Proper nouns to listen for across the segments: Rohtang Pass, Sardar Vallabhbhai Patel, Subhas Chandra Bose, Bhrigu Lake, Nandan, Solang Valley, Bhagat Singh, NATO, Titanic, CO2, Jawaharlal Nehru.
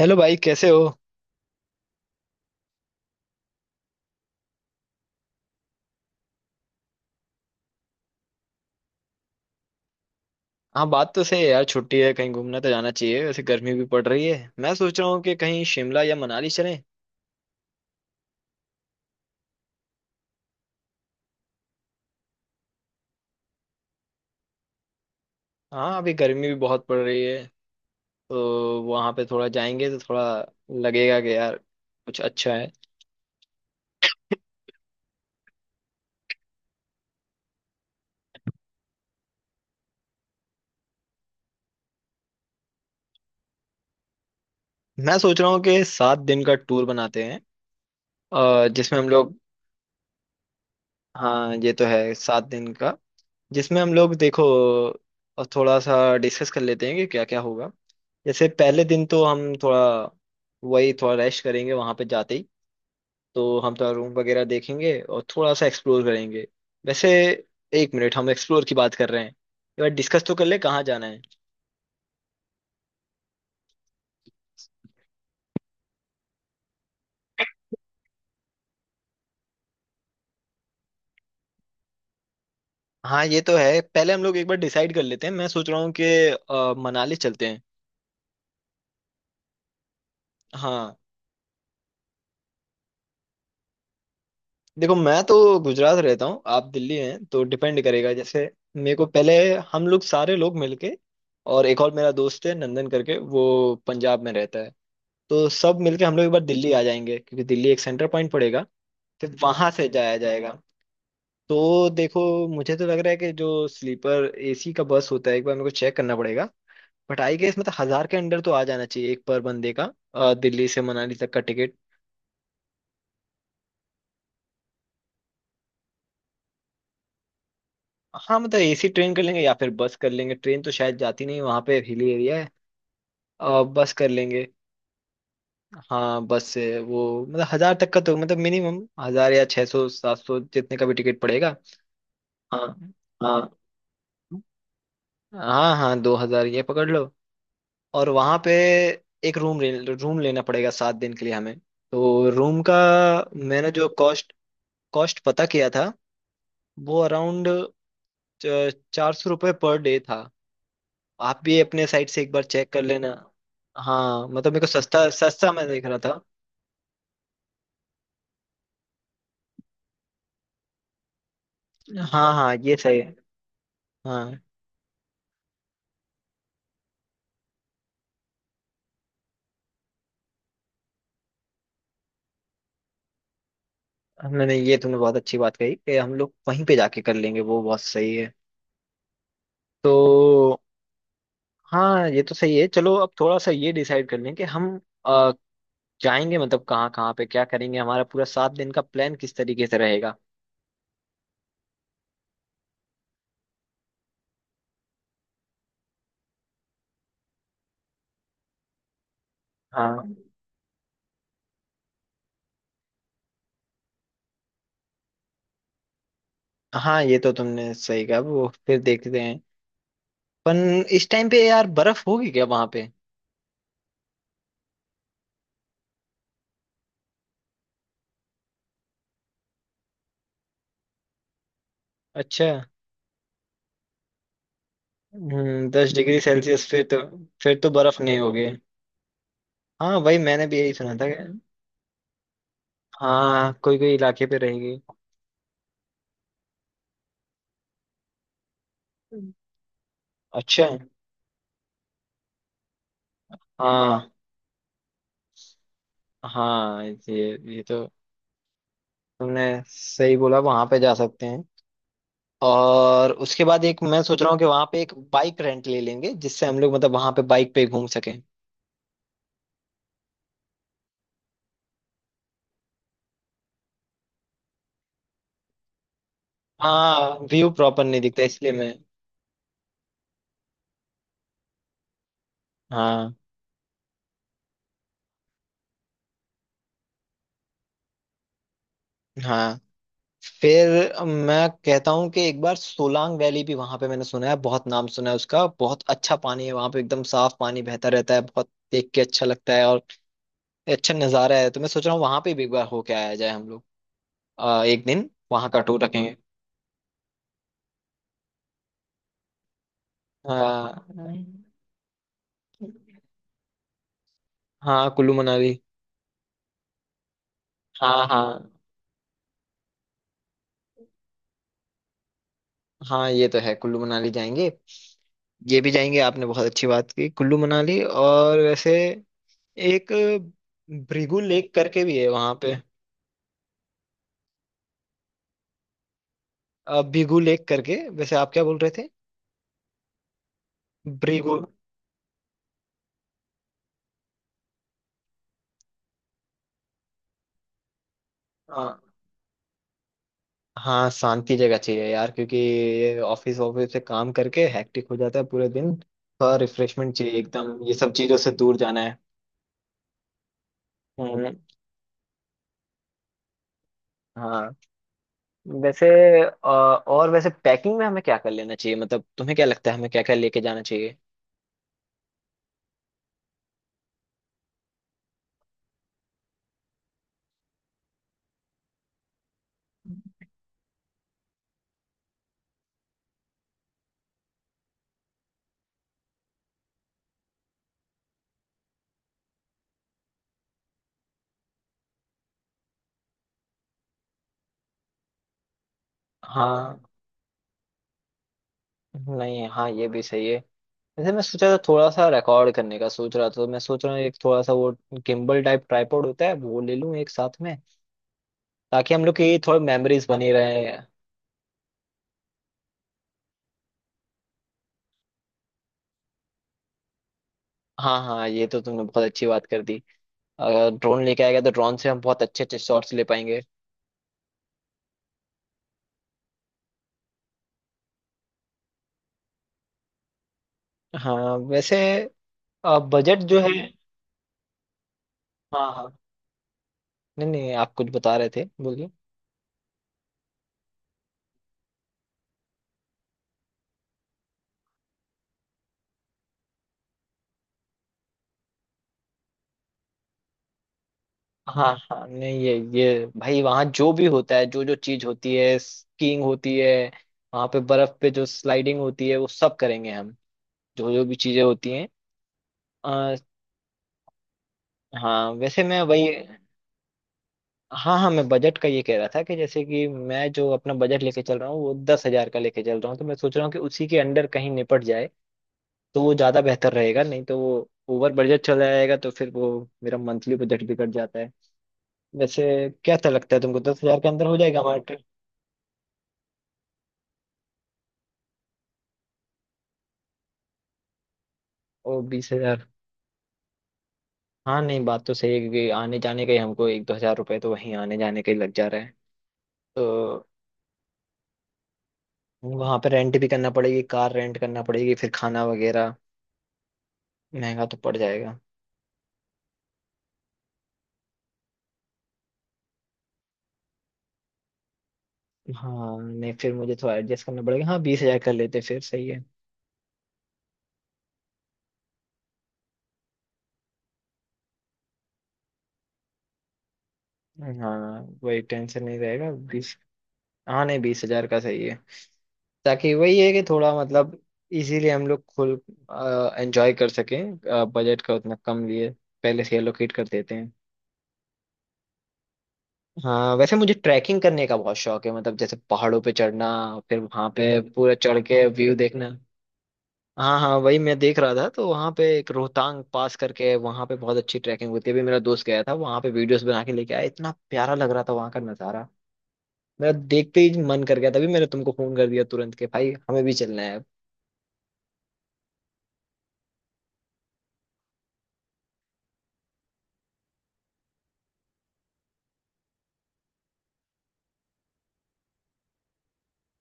Hello भाई, कैसे हो। हाँ, बात तो सही है यार, छुट्टी है, कहीं घूमने तो जाना चाहिए। वैसे गर्मी भी पड़ रही है, मैं सोच रहा हूँ कि कहीं शिमला या मनाली चलें। हाँ, अभी गर्मी भी बहुत पड़ रही है। तो वहाँ पे थोड़ा जाएंगे तो थोड़ा लगेगा कि यार कुछ अच्छा है। मैं सोच रहा हूँ कि 7 दिन का टूर बनाते हैं, जिसमें हम लोग। हाँ, ये तो है 7 दिन का। जिसमें हम लोग देखो, थोड़ा सा डिस्कस कर लेते हैं कि क्या क्या होगा। जैसे पहले दिन तो हम थोड़ा, वही थोड़ा रेस्ट करेंगे वहां पे जाते ही। तो हम थोड़ा रूम वगैरह देखेंगे और थोड़ा सा एक्सप्लोर करेंगे। वैसे एक मिनट, हम एक्सप्लोर की बात कर रहे हैं, एक बार डिस्कस तो कर ले कहाँ जाना है। हाँ ये तो है, पहले हम लोग एक बार डिसाइड कर लेते हैं। मैं सोच रहा हूँ कि मनाली चलते हैं। हाँ। देखो, मैं तो गुजरात रहता हूँ, आप दिल्ली हैं, तो डिपेंड करेगा। जैसे मेरे को पहले, हम लोग सारे लोग मिलके, और एक और मेरा दोस्त है नंदन करके, वो पंजाब में रहता है। तो सब मिलके हम लोग एक बार दिल्ली आ जाएंगे, क्योंकि दिल्ली एक सेंटर पॉइंट पड़ेगा। फिर वहां से जाया जाएगा। तो देखो, मुझे तो लग रहा है कि जो स्लीपर एसी का बस होता है, एक बार मेरे को चेक करना पड़ेगा। बट आई गेस मतलब हजार के अंडर तो आ जाना चाहिए एक पर बंदे का, दिल्ली से मनाली तक का टिकट। हाँ, मतलब एसी ट्रेन कर लेंगे या फिर बस कर लेंगे। ट्रेन तो शायद जाती नहीं, वहां पे हिली एरिया है। बस कर लेंगे। हाँ, बस से वो मतलब हजार तक का, तो मतलब मिनिमम हजार या छह सौ सात सौ जितने का भी टिकट पड़ेगा। हाँ, हाँ, हाँ, हाँ 2,000 ये पकड़ लो। और वहां पे एक रूम रूम लेना पड़ेगा 7 दिन के लिए हमें। तो रूम का, मैंने जो कॉस्ट कॉस्ट पता किया था वो अराउंड 400 रुपये पर डे था। आप भी अपने साइड से एक बार चेक कर लेना। हाँ, मतलब मेरे को सस्ता सस्ता मैं देख रहा था। हाँ, हाँ ये सही है। हाँ, नहीं नहीं, ये तुमने बहुत अच्छी बात कही कि हम लोग वहीं पे जाके कर लेंगे, वो बहुत सही है। तो हाँ, ये तो सही है, चलो अब थोड़ा सा ये डिसाइड कर लें कि हम जाएंगे मतलब कहाँ कहाँ पे क्या करेंगे, हमारा पूरा 7 दिन का प्लान किस तरीके से रहेगा। हाँ, हाँ, ये तो तुमने सही कहा, वो फिर देखते हैं। पन इस टाइम पे यार बर्फ होगी क्या वहां पे? अच्छा। हम्म, 10 डिग्री सेल्सियस, फिर तो बर्फ नहीं होगी। हाँ वही मैंने भी यही सुना था हाँ, कोई कोई इलाके पे रहेगी। अच्छा। हाँ, हाँ, ये तो तुमने सही बोला, वहां पे जा सकते हैं। और उसके बाद एक मैं सोच रहा हूँ कि वहां पे एक बाइक रेंट ले लेंगे, जिससे हम लोग मतलब वहां पे बाइक पे घूम सके। हाँ, व्यू प्रॉपर नहीं दिखता, इसलिए मैं, हाँ, हाँ। फिर मैं कहता हूँ कि एक बार सोलांग वैली भी, वहां पे मैंने सुना है, बहुत नाम सुना है उसका, बहुत अच्छा पानी है वहां पे, एकदम साफ पानी बहता रहता है, बहुत देख के अच्छा लगता है और अच्छा नजारा है। तो मैं सोच रहा हूँ वहां पे भी एक बार होके आया जाए हम लोग, एक दिन वहां का टूर रखेंगे। हाँ, हाँ कुल्लू मनाली। हाँ, हाँ, हाँ, ये तो है, कुल्लू मनाली जाएंगे। ये भी जाएंगे, आपने बहुत अच्छी बात की कुल्लू मनाली। और वैसे एक भृगु लेक करके भी है वहां पे। भिगु लेक करके, वैसे आप क्या बोल रहे थे? भृगु। हाँ, हाँ, शांति जगह चाहिए यार, क्योंकि ये ऑफिस ऑफिस से काम करके हेक्टिक हो जाता है पूरे दिन। थोड़ा रिफ्रेशमेंट चाहिए, एकदम ये सब चीजों से दूर जाना है। हम्म। हाँ। वैसे और वैसे पैकिंग में हमें क्या कर लेना चाहिए, मतलब तुम्हें क्या लगता है हमें क्या क्या लेके जाना चाहिए? हाँ, नहीं, हाँ, ये भी सही है। वैसे मैं सोचा था थोड़ा सा रिकॉर्ड करने का सोच रहा था, तो मैं सोच रहा हूँ एक थोड़ा सा वो गिम्बल टाइप ट्राइपॉड होता है वो ले लूँ एक साथ में, ताकि हम लोग की थोड़ी मेमोरीज बनी रहे। हाँ, हाँ, ये तो तुमने बहुत अच्छी बात कर दी। अगर ड्रोन लेके आएगा तो ड्रोन से हम बहुत अच्छे अच्छे शॉट्स ले पाएंगे। हाँ वैसे बजट जो है, हाँ, हाँ। नहीं, नहीं, आप कुछ बता रहे थे, बोलिए। हाँ, हाँ, नहीं, ये ये भाई, वहाँ जो भी होता है, जो जो चीज होती है, स्कीइंग होती है, वहाँ पे बर्फ पे जो स्लाइडिंग होती है वो सब करेंगे हम, जो जो भी चीजें होती हैं, आ, हाँ वैसे मैं वही। हाँ, हाँ, मैं बजट का ये कह रहा था कि जैसे कि मैं जो अपना बजट लेके चल रहा हूँ वो 10,000 का लेके चल रहा हूँ, तो मैं सोच रहा हूँ कि उसी के अंडर कहीं निपट जाए, तो वो ज्यादा बेहतर रहेगा। नहीं तो वो ओवर बजट चला जाएगा, तो फिर वो मेरा मंथली बजट बिगड़ जाता है। वैसे क्या लगता है तुमको, 10,000 के अंदर हो जाएगा हमारा ट्रिप? ओ 20,000, हाँ, नहीं, बात तो सही है, क्योंकि आने जाने का ही हमको एक दो हजार रुपए तो वहीं आने जाने का ही लग जा रहा है। तो वहां पे रेंट भी करना पड़ेगी, कार रेंट करना पड़ेगी, फिर खाना वगैरह महंगा तो पड़ जाएगा। हाँ, नहीं, फिर मुझे थोड़ा एडजस्ट करना पड़ेगा, हाँ, 20,000 कर लेते फिर सही है। हाँ, वही, टेंशन नहीं रहेगा। बीस, हाँ, नहीं, 20,000 का सही है, ताकि वही है कि थोड़ा मतलब इजीली हम लोग खुल एंजॉय कर सकें। बजट का उतना कम लिए पहले से एलोकेट कर देते हैं। हाँ वैसे मुझे ट्रैकिंग करने का बहुत शौक है, मतलब जैसे पहाड़ों पे चढ़ना, फिर वहां पे पूरा चढ़ के व्यू देखना। हाँ, हाँ, वही मैं देख रहा था, तो वहां पे एक रोहतांग पास करके वहां पे बहुत अच्छी ट्रैकिंग होती है। अभी मेरा दोस्त गया था वहां पे, वीडियोस बना के लेके आया, इतना प्यारा लग रहा था वहां का नजारा। मेरा देखते ही मन कर गया, तभी मैंने तुमको फोन कर दिया तुरंत के, भाई हमें भी चलना है अब।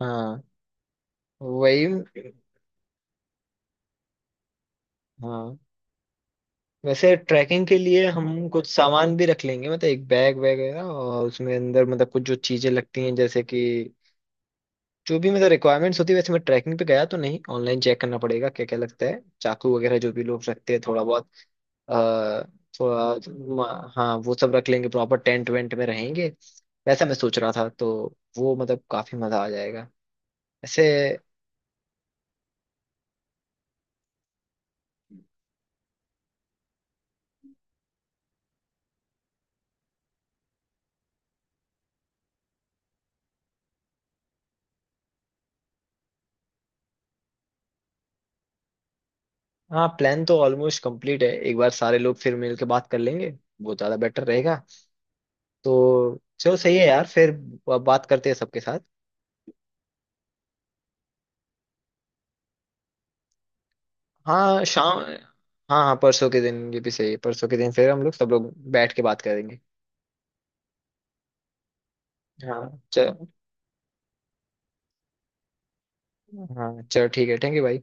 हाँ वही। हाँ वैसे ट्रैकिंग के लिए हम कुछ सामान भी रख लेंगे, मतलब एक बैग वगैरह, और उसमें अंदर मतलब कुछ जो चीजें लगती हैं, जैसे कि जो भी मतलब रिक्वायरमेंट्स होती है। वैसे मैं ट्रैकिंग पे गया तो नहीं, ऑनलाइन चेक करना पड़ेगा क्या क्या लगता है, चाकू वगैरह जो भी लोग रखते हैं थोड़ा बहुत। आ, थोड़ा, हाँ, वो सब रख लेंगे, प्रॉपर टेंट वेंट में रहेंगे, वैसा मैं सोच रहा था तो वो मतलब काफी मजा आ जाएगा ऐसे। हाँ, प्लान तो ऑलमोस्ट कंप्लीट है, एक बार सारे लोग फिर मिल के बात कर लेंगे, वो ज्यादा बेटर रहेगा। तो चलो सही है यार, फिर बात करते हैं सबके साथ। हाँ, शाम। हाँ, हाँ, परसों के दिन ये भी सही है, परसों के दिन फिर हम लोग सब लोग बैठ के बात करेंगे। हाँ, चल, हाँ, चल, ठीक है, थैंक यू भाई।